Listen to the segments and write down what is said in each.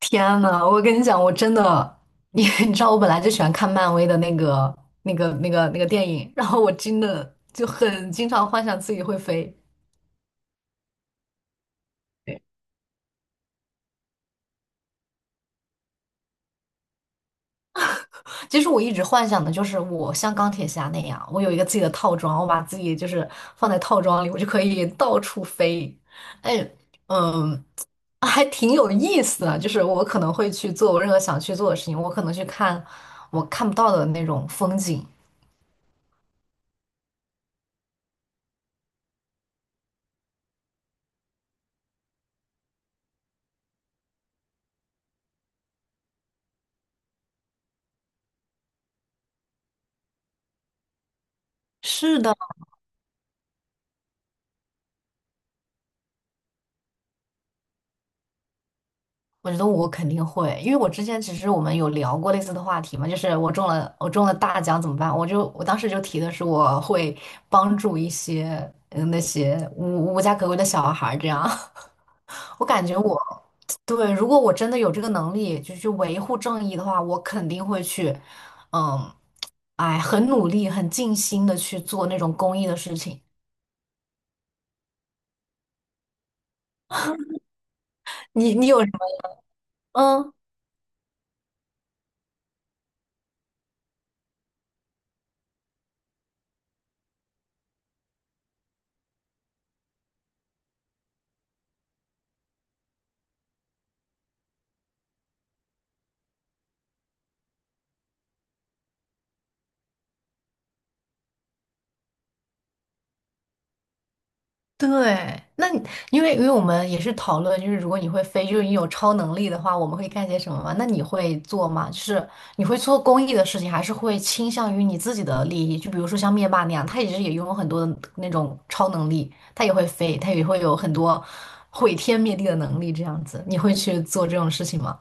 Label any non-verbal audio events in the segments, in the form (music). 天呐，我跟你讲，我真的，你 (laughs) 你知道，我本来就喜欢看漫威的那个电影，然后我真的就很经常幻想自己会飞。对，其实我一直幻想的就是我像钢铁侠那样，我有一个自己的套装，我把自己就是放在套装里，我就可以到处飞。哎，嗯，还挺有意思的，就是我可能会去做我任何想去做的事情，我可能去看我看不到的那种风景。是的。我觉得我肯定会，因为我之前其实我们有聊过类似的话题嘛，就是我中了大奖怎么办？我当时就提的是我会帮助一些那些无家可归的小孩儿这样，(laughs) 我感觉我对，如果我真的有这个能力，就去维护正义的话，我肯定会去，嗯，哎，很努力、很尽心的去做那种公益的事情。你有什么？嗯。对，那你因为我们也是讨论，就是如果你会飞，就是你有超能力的话，我们会干些什么嘛？那你会做吗？就是你会做公益的事情，还是会倾向于你自己的利益？就比如说像灭霸那样，他也是也拥有很多的那种超能力，他也会飞，他也会有很多毁天灭地的能力，这样子，你会去做这种事情吗？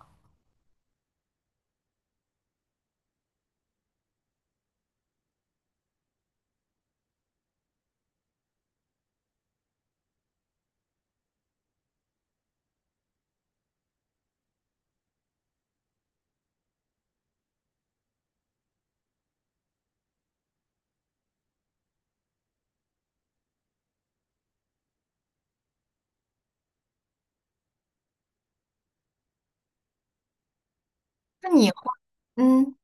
那你会嗯，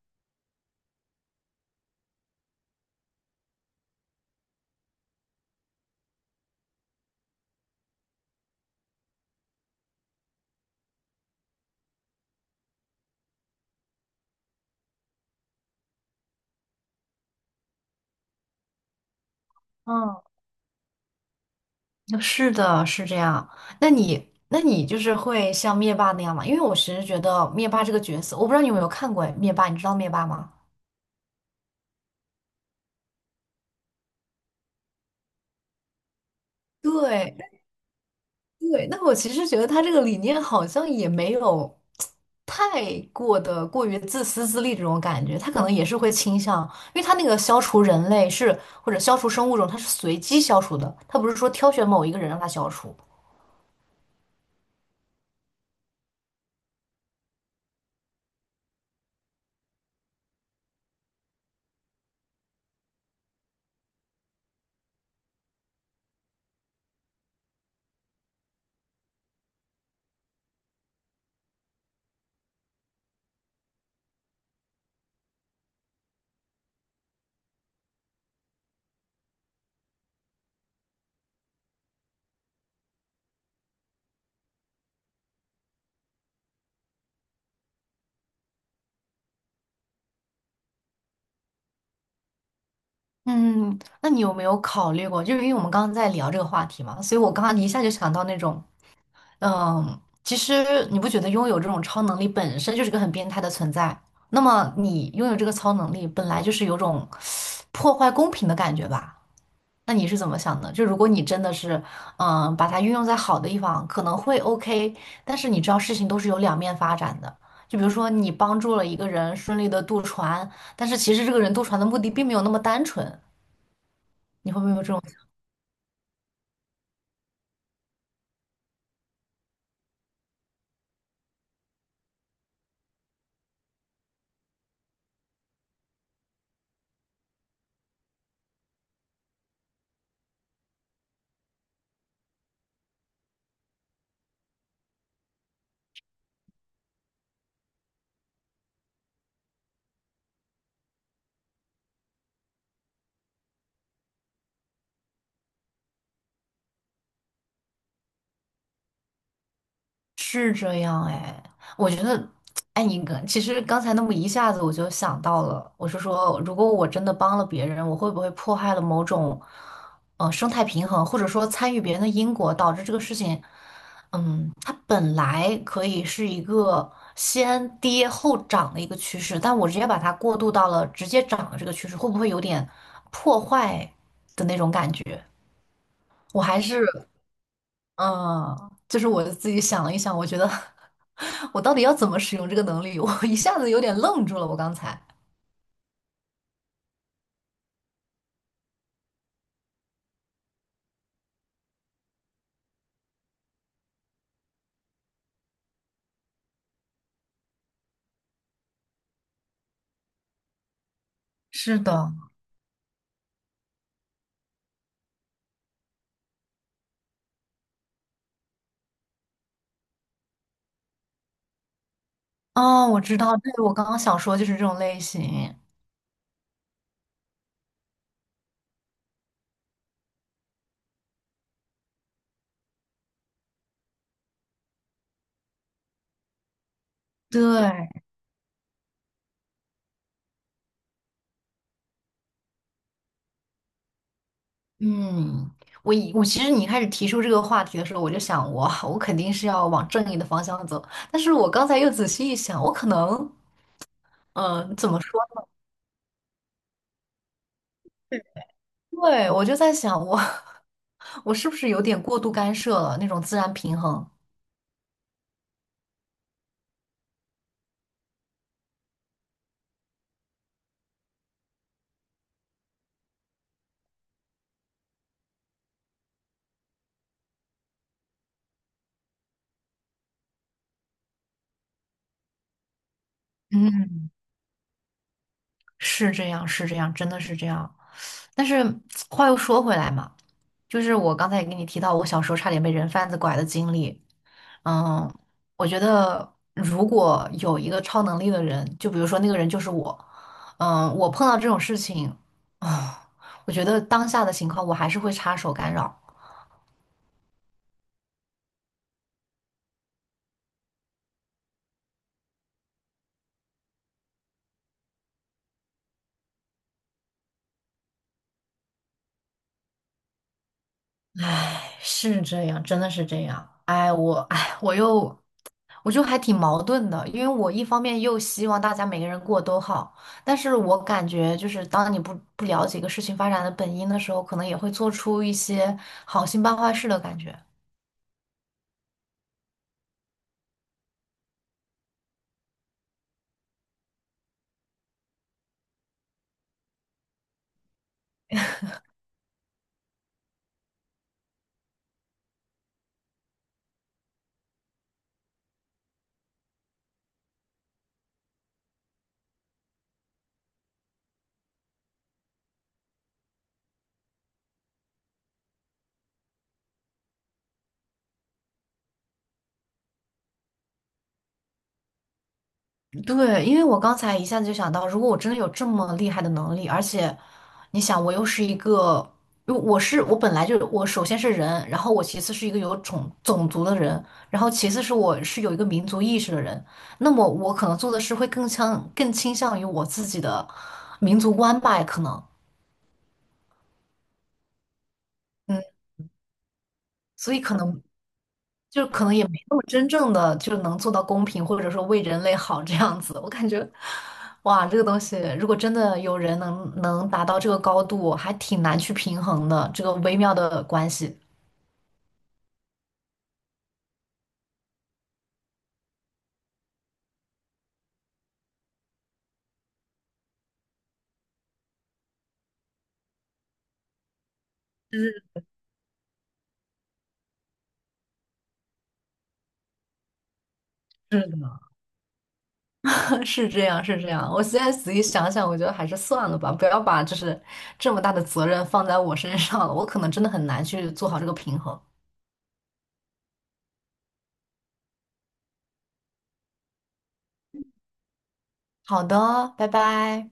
嗯是的，是这样。那你，那你就是会像灭霸那样吗？因为我其实觉得灭霸这个角色，我不知道你有没有看过灭霸，你知道灭霸吗？对对，那我其实觉得他这个理念好像也没有太过的过于自私自利这种感觉，他可能也是会倾向，因为他那个消除人类是或者消除生物种，他是随机消除的，他不是说挑选某一个人让他消除。嗯，那你有没有考虑过？就是因为我们刚刚在聊这个话题嘛，所以我刚刚一下就想到那种嗯，其实你不觉得拥有这种超能力本身就是个很变态的存在？那么你拥有这个超能力，本来就是有种破坏公平的感觉吧？那你是怎么想的？就如果你真的是，嗯，把它运用在好的地方，可能会 OK，但是你知道事情都是有两面发展的。就比如说你帮助了一个人顺利的渡船，但是其实这个人渡船的目的并没有那么单纯，你会不会有这种？是这样哎，我觉得，哎，你刚其实刚才那么一下子我就想到了，我是说，如果我真的帮了别人，我会不会破坏了某种，生态平衡，或者说参与别人的因果，导致这个事情，嗯，它本来可以是一个先跌后涨的一个趋势，但我直接把它过渡到了直接涨的这个趋势，会不会有点破坏的那种感觉？我还是，嗯，就是我自己想了一想，我觉得。我到底要怎么使用这个能力？(laughs) 我一下子有点愣住了，我刚才。是的，哦，我知道，对，我刚刚想说就是这种类型。对，嗯，我其实你开始提出这个话题的时候，我就想我肯定是要往正义的方向走，但是我刚才又仔细一想，我可能，嗯、怎么说？对，我就在想我 (laughs) 我是不是有点过度干涉了那种自然平衡？嗯，是这样，是这样，真的是这样。但是话又说回来嘛，就是我刚才也跟你提到，我小时候差点被人贩子拐的经历。嗯，我觉得如果有一个超能力的人，就比如说那个人就是我，嗯，我碰到这种事情，啊，我觉得当下的情况我还是会插手干扰。是这样，真的是这样。哎，我又还挺矛盾的，因为我一方面又希望大家每个人过得都好，但是我感觉就是当你不了解一个事情发展的本因的时候，可能也会做出一些好心办坏事的感觉。对，因为我刚才一下子就想到，如果我真的有这么厉害的能力，而且你想，我又是一个，因为我本来就我首先是人，然后我其次是一个有种族的人，然后其次是我是有一个民族意识的人，那么我可能做的事会更倾向于我自己的民族观吧，可能。嗯。所以可能也没那么真正的就能做到公平，或者说为人类好这样子。我感觉，哇，这个东西如果真的有人能达到这个高度，还挺难去平衡的，这个微妙的关系。嗯，是的 (laughs) 是这样，是这样。我现在仔细想想，我觉得还是算了吧，不要把就是这么大的责任放在我身上了，我可能真的很难去做好这个平衡。好的，拜拜。